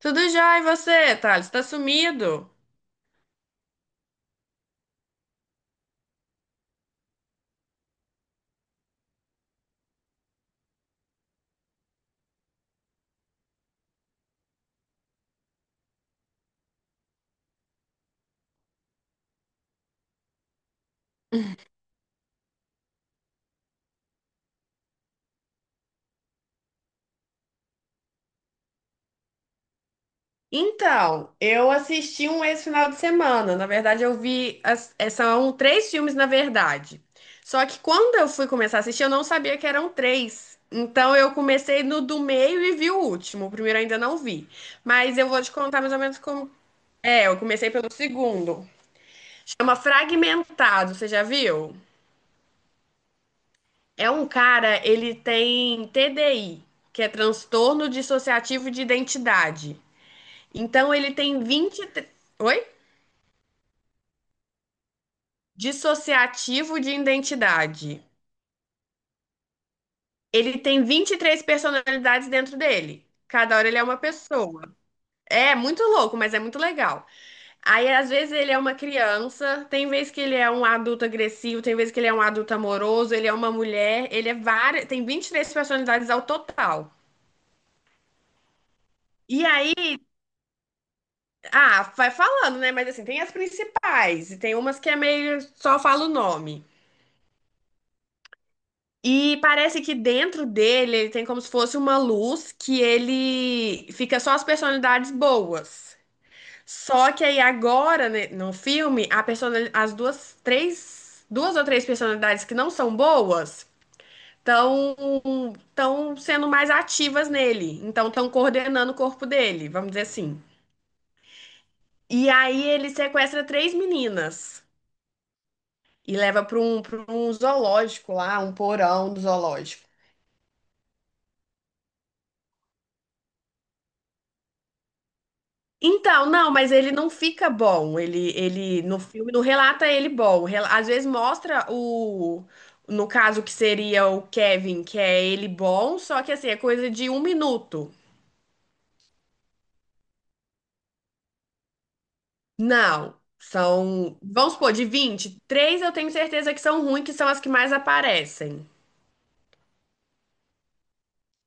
Tudo já, e você, Thales? Tá sumido? Então, eu assisti um esse final de semana. Na verdade, eu vi. São três filmes, na verdade. Só que quando eu fui começar a assistir, eu não sabia que eram três. Então, eu comecei no do meio e vi o último. O primeiro eu ainda não vi. Mas eu vou te contar mais ou menos como. Eu comecei pelo segundo. Chama Fragmentado, você já viu? É um cara, ele tem TDI, que é transtorno dissociativo de identidade. Então ele tem 20. Oi? Dissociativo de identidade. Ele tem 23 personalidades dentro dele. Cada hora ele é uma pessoa. É muito louco, mas é muito legal. Aí, às vezes, ele é uma criança, tem vez que ele é um adulto agressivo, tem vez que ele é um adulto amoroso, ele é uma mulher, ele é várias. Tem 23 personalidades ao total. E aí, ah, vai falando, né? Mas assim, tem as principais, e tem umas que é meio só fala o nome. E parece que dentro dele ele tem como se fosse uma luz que ele fica só as personalidades boas. Só que aí agora, né, no filme, as duas, três, duas ou três personalidades que não são boas estão estão sendo mais ativas nele. Então estão coordenando o corpo dele, vamos dizer assim. E aí ele sequestra três meninas e leva para para um zoológico lá, um porão do zoológico. Então, não, mas ele não fica bom. Ele no filme não relata ele bom. Às vezes mostra o, no caso que seria o Kevin, que é ele bom, só que assim, é coisa de um minuto. Não, são, vamos supor, de 20. Três eu tenho certeza que são ruins, que são as que mais aparecem.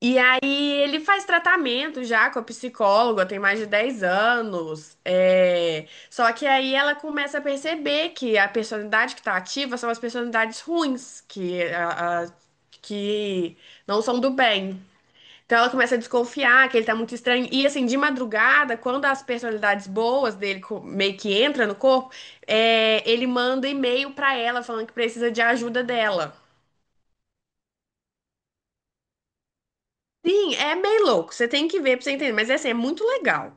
E aí ele faz tratamento já com a psicóloga, tem mais de 10 anos. Só que aí ela começa a perceber que a personalidade que tá ativa são as personalidades ruins, que não são do bem. Então ela começa a desconfiar que ele tá muito estranho. E assim, de madrugada, quando as personalidades boas dele meio que entra no corpo, ele manda e-mail pra ela falando que precisa de ajuda dela. Sim, é meio louco. Você tem que ver pra você entender. Mas assim, é muito legal.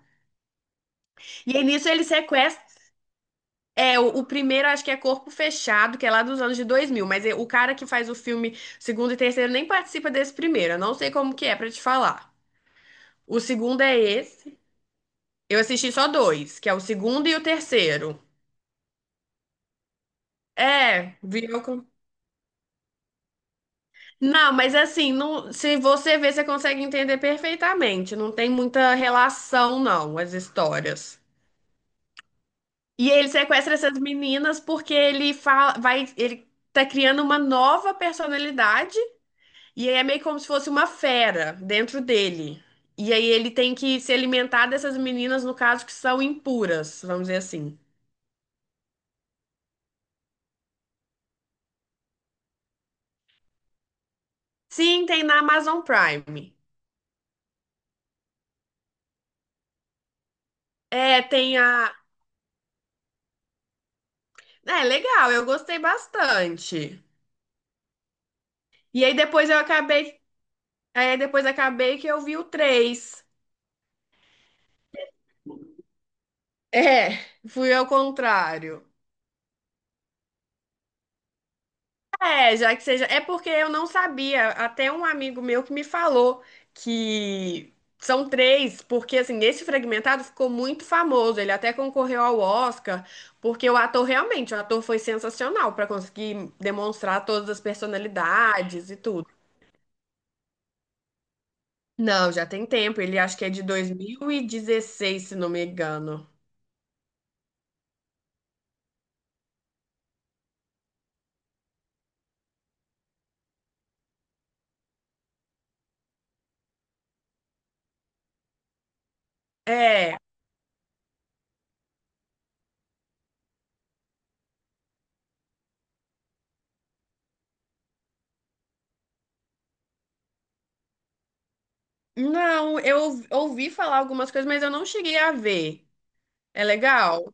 E aí nisso ele sequestra. É, o primeiro acho que é Corpo Fechado, que é lá dos anos de dois mil, mas o cara que faz o filme segundo e terceiro nem participa desse primeiro. Eu não sei como que é pra te falar. O segundo é esse. Eu assisti só dois, que é o segundo e o terceiro. É, viu? Não, mas assim, não, se você ver, você consegue entender perfeitamente. Não tem muita relação, não, as histórias. E ele sequestra essas meninas porque ele fala, vai, ele tá criando uma nova personalidade. E aí é meio como se fosse uma fera dentro dele. E aí ele tem que se alimentar dessas meninas, no caso, que são impuras, vamos dizer assim. Sim, tem na Amazon Prime. É, tem a. É, legal, eu gostei bastante. E aí depois eu acabei. Aí depois acabei que eu vi o 3. É, fui ao contrário. É, já que seja. É porque eu não sabia. Até um amigo meu que me falou que são três, porque assim, esse fragmentado ficou muito famoso. Ele até concorreu ao Oscar, porque o ator realmente, o ator foi sensacional para conseguir demonstrar todas as personalidades e tudo. Não, já tem tempo. Ele acho que é de 2016, se não me engano. É. Não, eu ouvi falar algumas coisas, mas eu não cheguei a ver. É legal?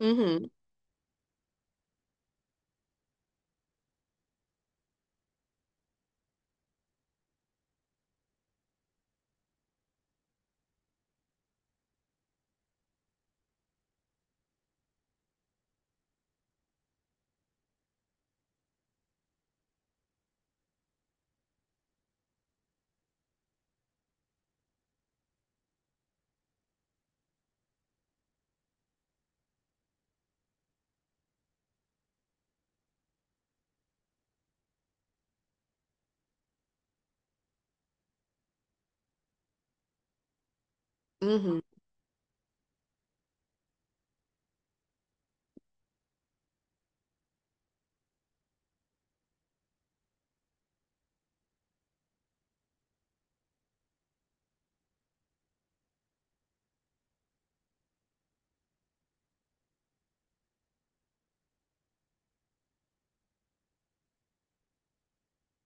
Uhum, uhum.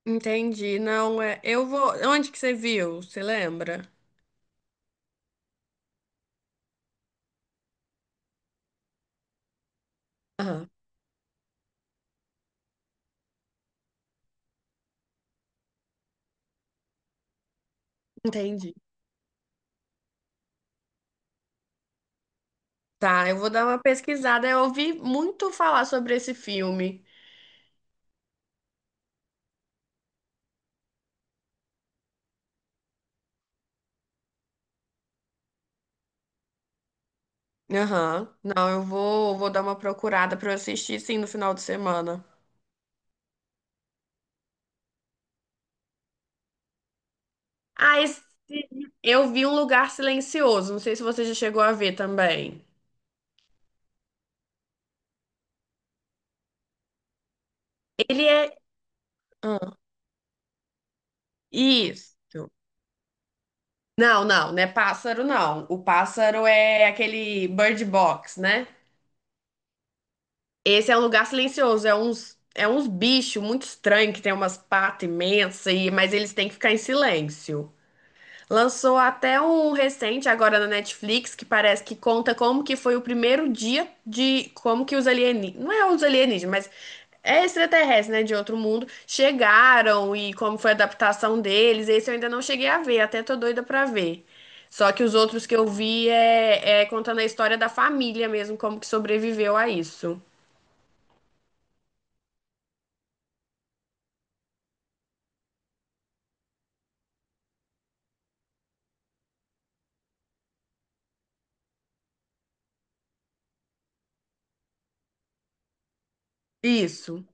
Entendi. Não, é. Eu vou. Onde que você viu? Você lembra? Aham, entendi. Tá, eu vou dar uma pesquisada. Eu ouvi muito falar sobre esse filme. Aham. Não, eu vou, vou dar uma procurada pra eu assistir sim no final de semana. Ah, esse... eu vi Um Lugar Silencioso. Não sei se você já chegou a ver também. Ele é. Ah, isso. Não, não é pássaro, não. O pássaro é aquele Bird Box, né? Esse é um lugar silencioso, é uns bichos muito estranhos que tem umas patas imensas, e, mas eles têm que ficar em silêncio. Lançou até um recente agora na Netflix que parece que conta como que foi o primeiro dia de como que os alienígenas, não é os alienígenas, mas é extraterrestre, né, de outro mundo, chegaram e como foi a adaptação deles. Esse eu ainda não cheguei a ver, até tô doida pra ver. Só que os outros que eu vi é, é contando a história da família mesmo, como que sobreviveu a isso. Isso.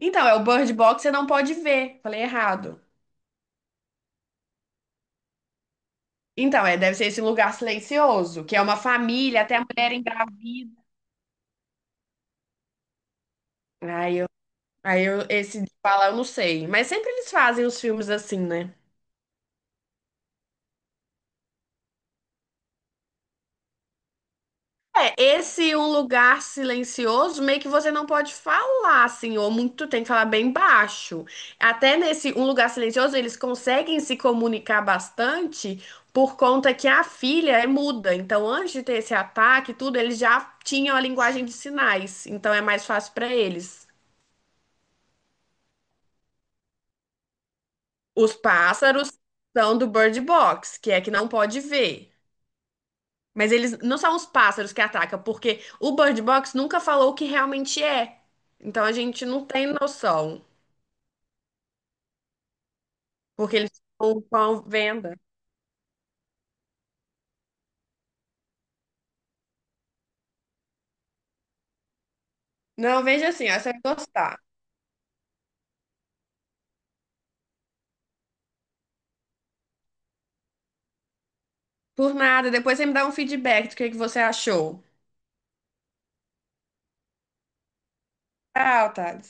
Então, é o Bird Box, você não pode ver. Falei errado. Então, é, deve ser esse lugar silencioso, que é uma família, até a mulher engravida. Aí eu, esse de falar eu não sei. Mas sempre eles fazem os filmes assim, né? É, esse um lugar silencioso, meio que você não pode falar, assim, ou muito tem que falar bem baixo. Até nesse um lugar silencioso, eles conseguem se comunicar bastante por conta que a filha é muda. Então, antes de ter esse ataque, e tudo, eles já tinham a linguagem de sinais. Então, é mais fácil para eles. Os pássaros são do Bird Box, que é que não pode ver. Mas eles não são os pássaros que atacam, porque o Bird Box nunca falou o que realmente é. Então a gente não tem noção, porque eles estão com a venda. Não, veja assim, ó, você vai gostar. Por nada, depois você me dá um feedback do que você achou. Tchau, Thales.